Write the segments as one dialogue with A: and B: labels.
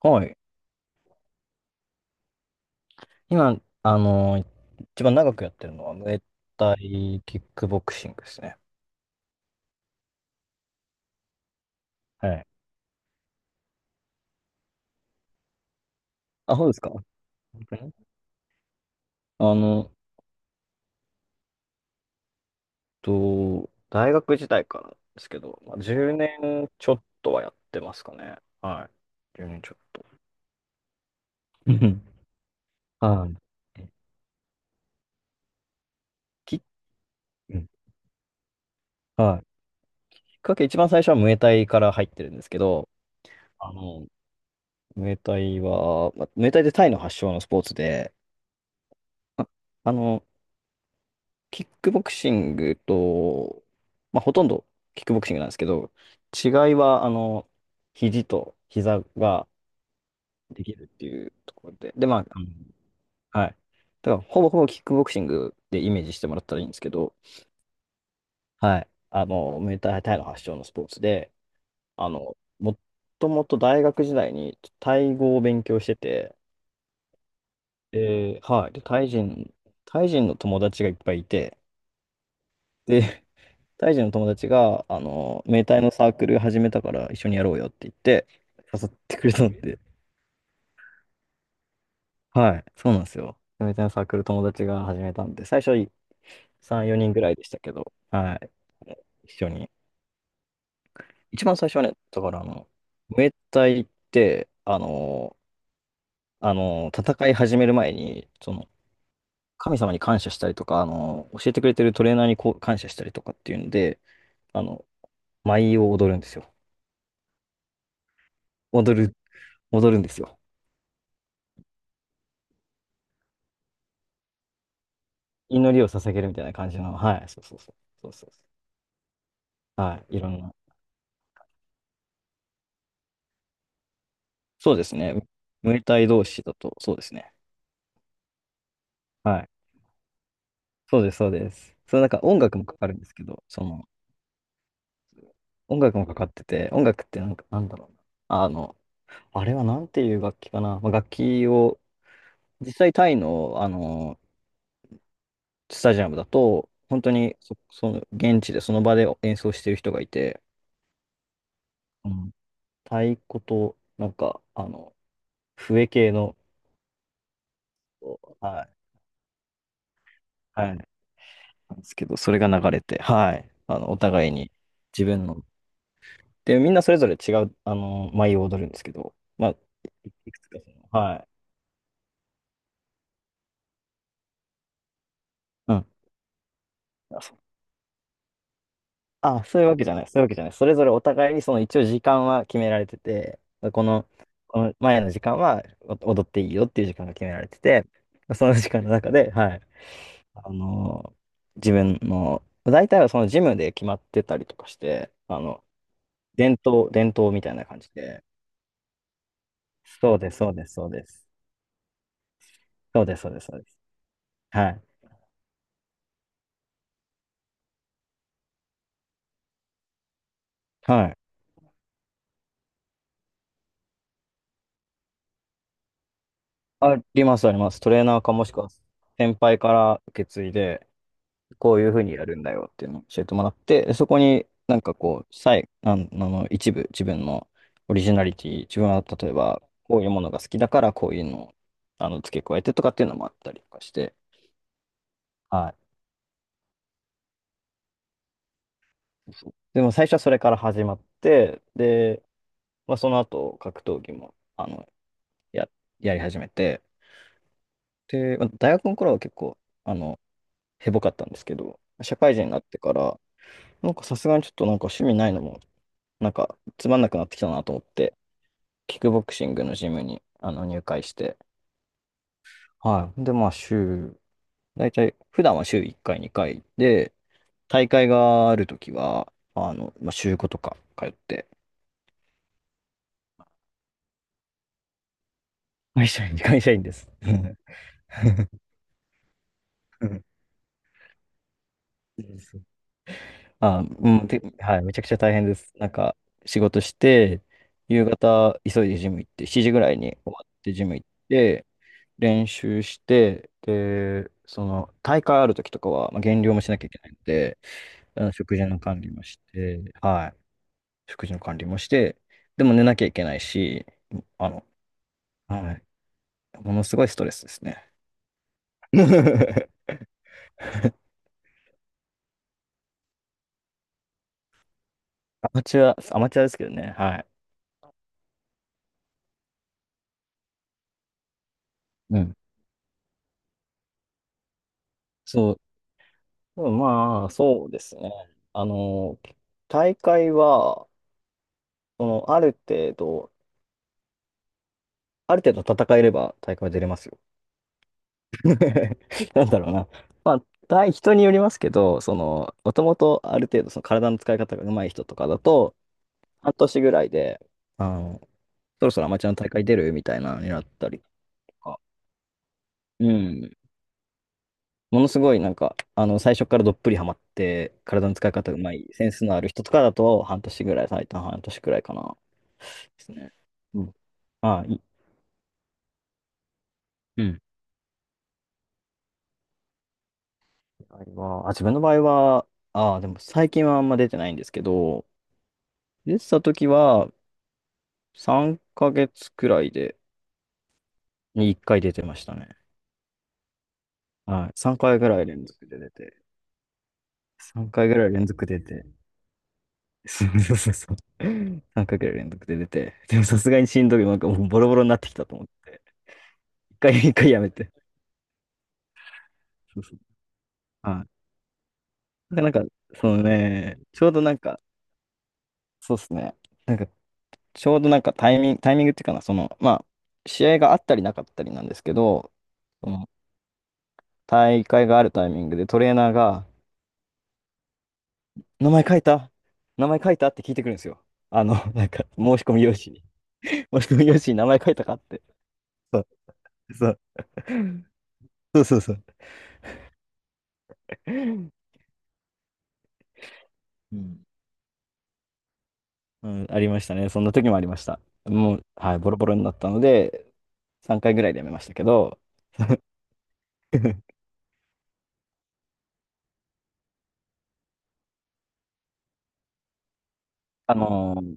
A: はい。今、一番長くやってるのは、ムエタイキックボクシングですね。はい。あ、そうですか。本当にあの、大学時代からですけど、まあ、10年ちょっとはやってますかね。はい。1年ちょっと。うん。はい。き、うんはい。きっかけ、一番最初はムエタイから入ってるんですけど、あの、ムエタイは、まあ、ムエタイってタイの発祥のスポーツで、あ、あの、キックボクシングと、まあ、ほとんどキックボクシングなんですけど、違いは、肘と膝ができるっていうところで、で、まあ、はい。だから、ほぼほぼキックボクシングでイメージしてもらったらいいんですけど、はい。ムエタイタイの発祥のスポーツで、もともと大学時代にタイ語を勉強してて、で、はい。で、タイ人の友達がいっぱいいて、で、タイ人の友達が、明太のサークル始めたから一緒にやろうよって言って、誘ってくれたんで。はい、そうなんですよ。明太のサークル友達が始めたんで、最初は3、4人ぐらいでしたけど、はい、一緒に。一番最初はね、だから明太って、戦い始める前に、その、神様に感謝したりとか、教えてくれてるトレーナーにこう感謝したりとかっていうんで、あの、舞を踊るんですよ。踊る、踊るんですよ。祈りを捧げるみたいな感じの、はい、そうそうそう。そうそうそう。はい、いろんな。そうですね。ムエタイ同士だと、そうですね。はい。そうです、そうです。そのなんか音楽もかかるんですけど、その、音楽もかかってて、音楽ってなんか、なんだろうな。あの、あれはなんていう楽器かな。まあ、楽器を、実際タイの、スタジアムだと、本当にその、現地でその場で演奏してる人がいて、うん、太鼓と、なんか、笛系の、はい。はいなんですけど、それが流れて、はい。お互いに自分の。で、みんなそれぞれ違う、舞を踊るんですけど、まあ、いくつかその、はい。うん。あ、そそういうわけじゃない、そういうわけじゃない。それぞれお互いに、その一応時間は決められてて、この、この前の時間はお踊っていいよっていう時間が決められてて、その時間の中で、はい。あの、自分の、大体はそのジムで決まってたりとかして、伝統みたいな感じで、そうです、そうです、そうです。そうです、そうです、そうです。はい。はい。あります、あります。トレーナーかもしくは先輩から受け継いで、こういうふうにやるんだよっていうのを教えてもらって、でそこになんかこう、あの一部、自分のオリジナリティ、自分は例えばこういうものが好きだからこういうのを付け加えてとかっていうのもあったりとかして、はい。そうでも最初はそれから始まって、で、まあ、その後格闘技もや、やり始めて、で、まあ大学の頃は結構、あの、へぼかったんですけど、社会人になってから、なんかさすがにちょっとなんか趣味ないのも、なんかつまんなくなってきたなと思って、キックボクシングのジムに入会して、はい。で、まあ大体、普段は週1回、2回で、大会があるときは、まあ、週5とか通って、会社員、会社員です。うんうん、で、はい、めちゃくちゃ大変です。なんか、仕事して、夕方、急いでジム行って、7時ぐらいに終わってジム行って、練習して、で、その、大会ある時とかは、まあ、減量もしなきゃいけないので、食事の管理もして、はい、食事の管理もして、でも寝なきゃいけないし、あの、はい、ものすごいストレスですね。アマチュアですけどね、はい。うん。そう、うんまあ、そうですね。あの、大会は、その、ある程度戦えれば大会は出れますよ。 なんだろうな。まあ、対人によりますけど、その、もともとある程度その体の使い方が上手い人とかだと、半年ぐらいで、あの、そろそろアマチュアの大会出るみたいなのになったりとか、うん。ものすごいなんか、最初からどっぷりハマって、体の使い方が上手い、センスのある人とかだと、半年ぐらい、最短半年くらいかな。ですね。うん。ああ、うん。場合はあ、自分の場合は、ああ、でも最近はあんま出てないんですけど、出てた時は、3ヶ月くらいで1回出てましたね。はい。3回ぐらい連続で出て。3回ぐらい連続で出て。そうそうそうそう。3回ぐらい連続で出て。でもさすがにしんどい。なんかもうボロボロになってきたと思って。1回、一回やめて。そうそう。はい。なんか、なんかそのね、ちょうどなんか、そうっすね。なんか、ちょうどなんかタイミングっていうかな、その、まあ、試合があったりなかったりなんですけど、その大会があるタイミングでトレーナーが、名前書いた名前書いたって聞いてくるんですよ。なんか、申し込み用紙に。申し込み用紙に名前書いたかって。そう、そう。そうそうそう。うん、うん、ありましたね。そんな時もありました。もう、はい、ボロボロになったので、3回ぐらいでやめましたけど、あのー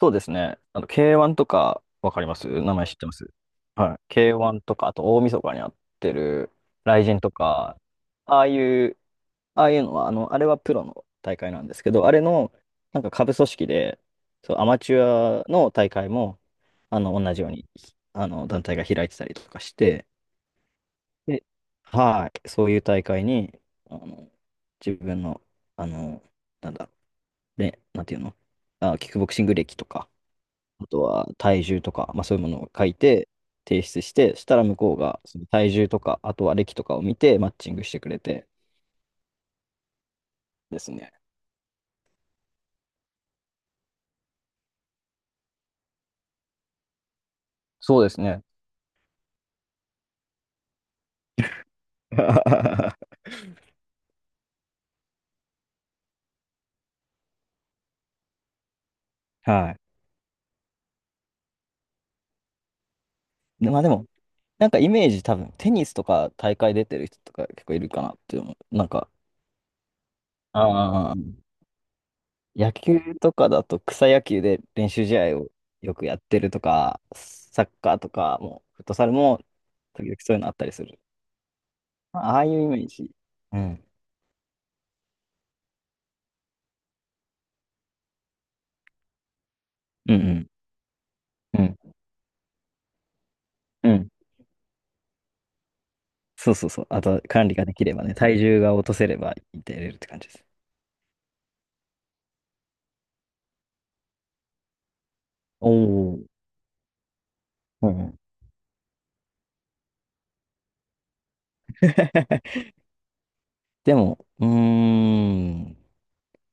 A: そうですね。K1 とか、わかります、名前知ってます。はい。K1 とか、あと大晦日にやってる、雷神とか、ああいうああいうのは、あれはプロの大会なんですけど、あれの、なんか下部組織で、そう、アマチュアの大会も、同じように、団体が開いてたりとかして、で、はい、そういう大会に、あの、自分の、あの、なんだろう、ね、なんていうの、あ、キックボクシング歴とか、あとは体重とか、まあそういうものを書いて、提出して、したら向こうが、その体重とか、あとは歴とかを見て、マッチングしてくれてですね。そうですね。はい。でまあでも、なんかイメージ多分、テニスとか大会出てる人とか結構いるかなって思う。なんか、ああ、野球とかだと草野球で練習試合をよくやってるとか、サッカーとかも、フットサルも、時々そういうのあったりする。まあああいうイメージ。うん。うんうん。うん。うん。そうそうそう。あと、管理ができればね、体重が落とせれば出れるって感じです。おお。うんうん。 でも、うーん。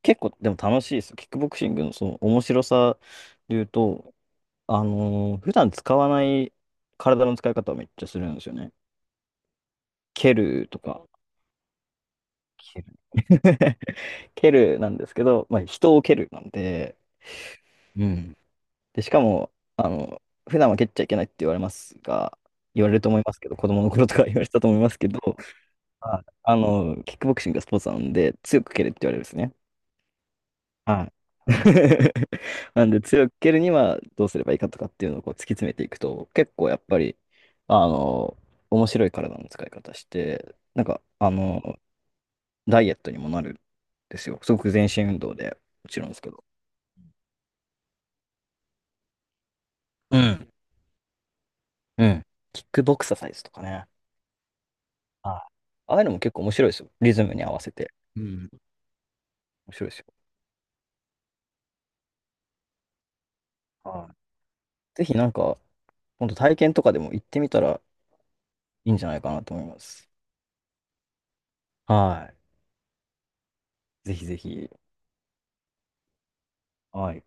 A: 結構でも楽しいですよ。キックボクシングのその面白さで言うと、普段使わない体の使い方をめっちゃするんですよね。蹴るとか。蹴る。 蹴るなんですけど、まあ人を蹴るなんで、うん。で、しかも、普段は蹴っちゃいけないって言われますが、言われると思いますけど、子供の頃とか言われてたと思いますけど、キックボクシングがスポーツなので、強く蹴れって言われるんですね。はい。なんで強く蹴るにはどうすればいいかとかっていうのをこう突き詰めていくと、結構やっぱりあの面白い体の使い方して、なんかダイエットにもなるんですよ、すごく全身運動で。もちろんですけど、うん、うん、キックボクササイズとかね。はい。ああいうのも結構面白いですよ、リズムに合わせて。うん。面白いですよ。はい。ぜひなんか本当、体験とかでも行ってみたらいいんじゃないかなと思います。はい。ぜひぜひ。はい。